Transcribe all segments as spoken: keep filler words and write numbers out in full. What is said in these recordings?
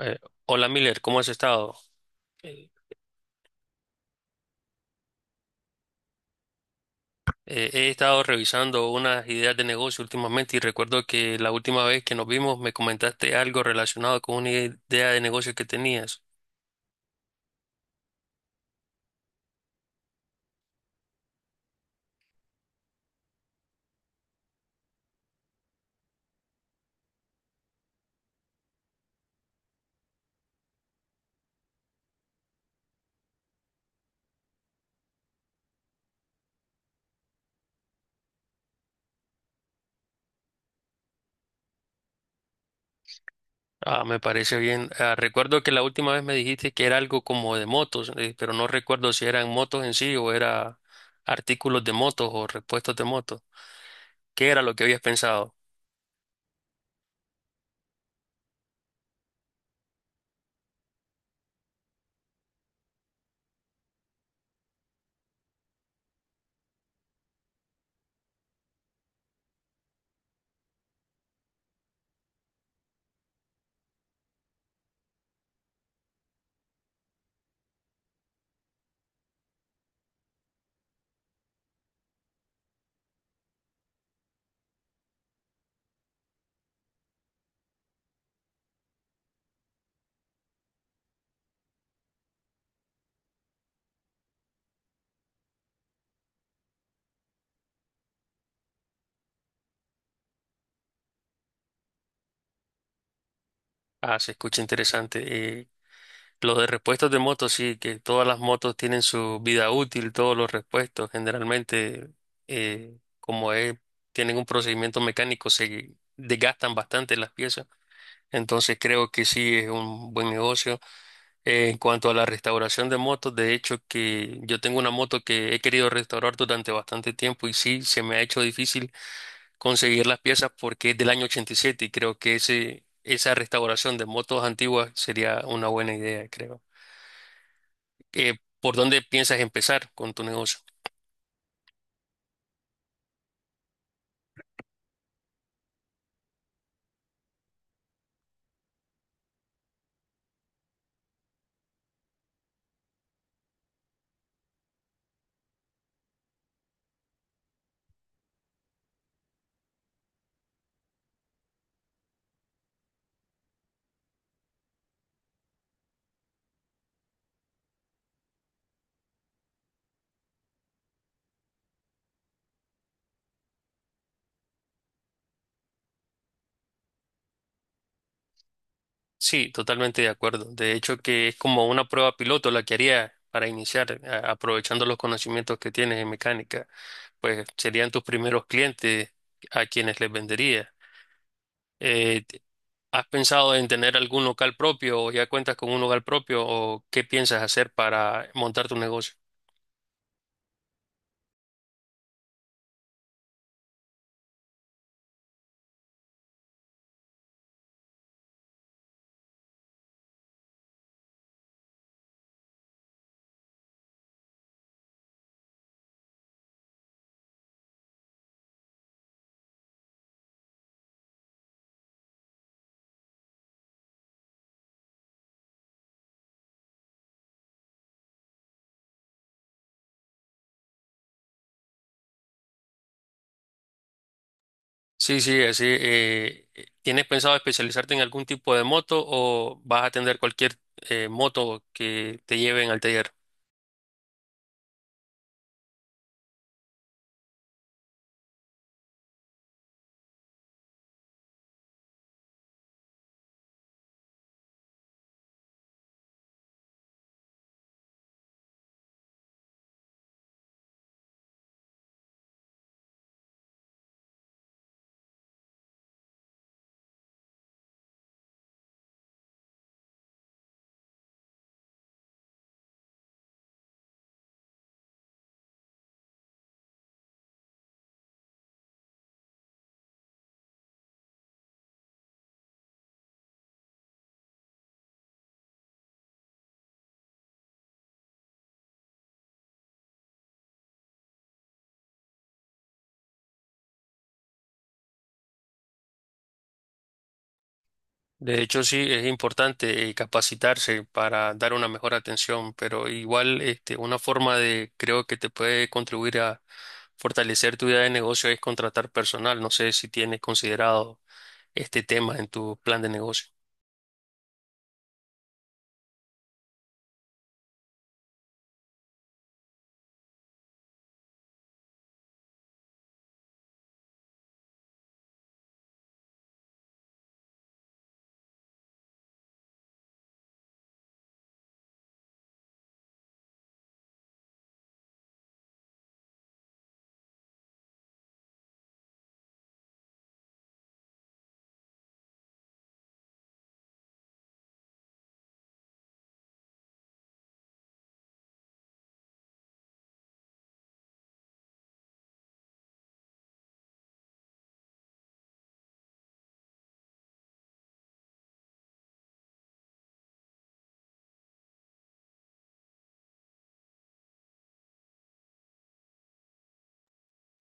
Eh, Hola Miller, ¿cómo has estado? Eh, eh, He estado revisando unas ideas de negocio últimamente y recuerdo que la última vez que nos vimos me comentaste algo relacionado con una idea de negocio que tenías. Ah, me parece bien. Ah, recuerdo que la última vez me dijiste que era algo como de motos, eh, pero no recuerdo si eran motos en sí o era artículos de motos o repuestos de motos. ¿Qué era lo que habías pensado? Ah, se escucha interesante. Eh, Los de repuestos de motos, sí, que todas las motos tienen su vida útil, todos los repuestos generalmente, eh, como es, tienen un procedimiento mecánico, se desgastan bastante las piezas. Entonces creo que sí es un buen negocio. Eh, en cuanto a la restauración de motos, de hecho que yo tengo una moto que he querido restaurar durante bastante tiempo y sí, se me ha hecho difícil conseguir las piezas porque es del año ochenta y siete y siete y creo que ese, esa restauración de motos antiguas sería una buena idea, creo. eh, ¿Por dónde piensas empezar con tu negocio? Sí, totalmente de acuerdo. De hecho, que es como una prueba piloto la que haría para iniciar, a- aprovechando los conocimientos que tienes en mecánica. Pues serían tus primeros clientes a quienes les vendería. Eh, t- ¿Has pensado en tener algún local propio o ya cuentas con un local propio o qué piensas hacer para montar tu negocio? Sí, sí, así. Eh, eh, ¿tienes pensado especializarte en algún tipo de moto o vas a atender cualquier eh, moto que te lleven al taller? De hecho, sí, es importante eh, capacitarse para dar una mejor atención, pero igual este, una forma de, creo que te puede contribuir a fortalecer tu idea de negocio es contratar personal. No sé si tienes considerado este tema en tu plan de negocio.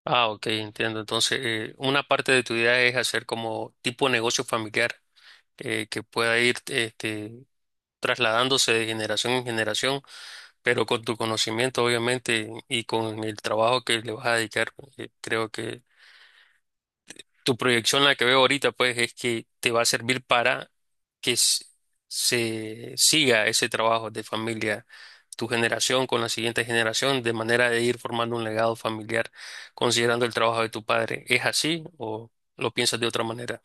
Ah, ok, entiendo. Entonces, eh, una parte de tu idea es hacer como tipo negocio familiar eh, que pueda ir este, trasladándose de generación en generación, pero con tu conocimiento, obviamente, y con el trabajo que le vas a dedicar, eh, creo que tu proyección, la que veo ahorita, pues, es que te va a servir para que s- se siga ese trabajo de familia. Tu generación con la siguiente generación de manera de ir formando un legado familiar considerando el trabajo de tu padre. ¿Es así o lo piensas de otra manera?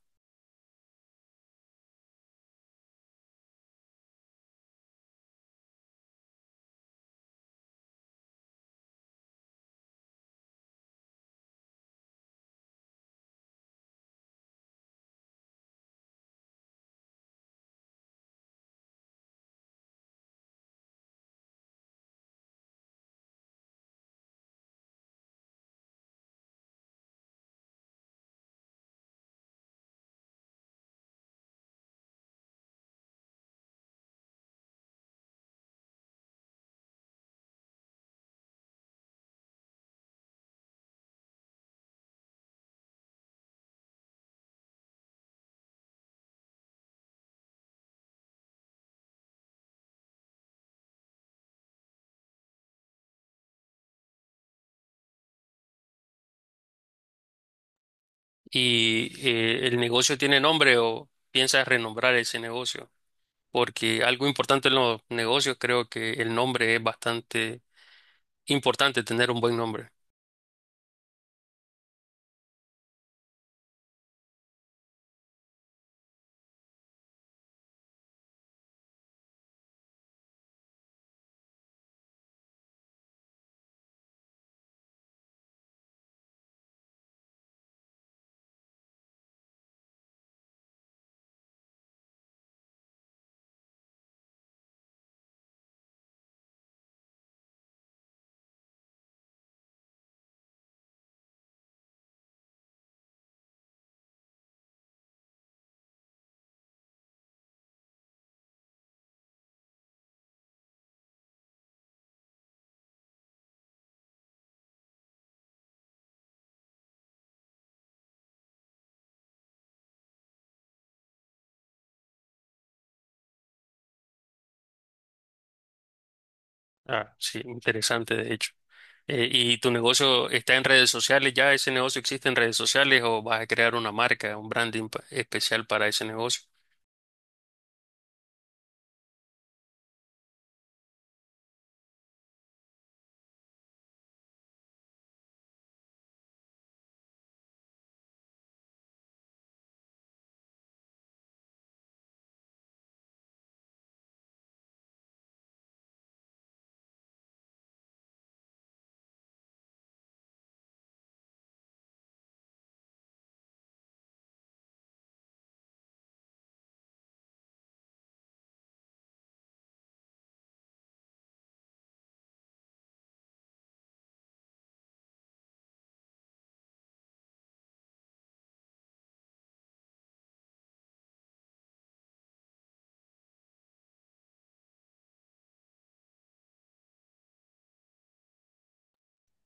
Y eh, el negocio tiene nombre o piensas renombrar ese negocio, porque algo importante en los negocios creo que el nombre es bastante importante, tener un buen nombre. Ah, sí, interesante de hecho. Eh, ¿y tu negocio está en redes sociales? ¿Ya ese negocio existe en redes sociales o vas a crear una marca, un branding pa- especial para ese negocio?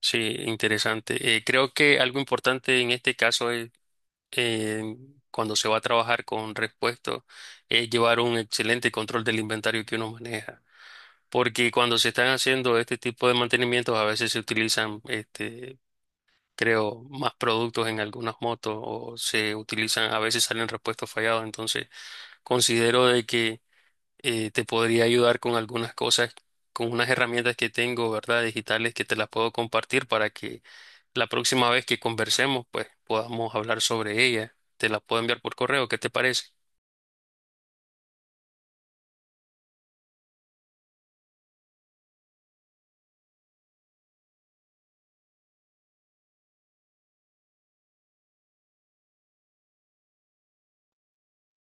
Sí, interesante. Eh, creo que algo importante en este caso es eh, cuando se va a trabajar con repuestos es llevar un excelente control del inventario que uno maneja. Porque cuando se están haciendo este tipo de mantenimientos, a veces se utilizan, este, creo, más productos en algunas motos o se utilizan, a veces salen repuestos fallados. Entonces, considero de que eh, te podría ayudar con algunas cosas, con unas herramientas que tengo, ¿verdad? Digitales que te las puedo compartir para que la próxima vez que conversemos, pues podamos hablar sobre ella. Te la puedo enviar por correo, ¿qué te parece?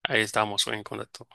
Ahí estamos en contacto.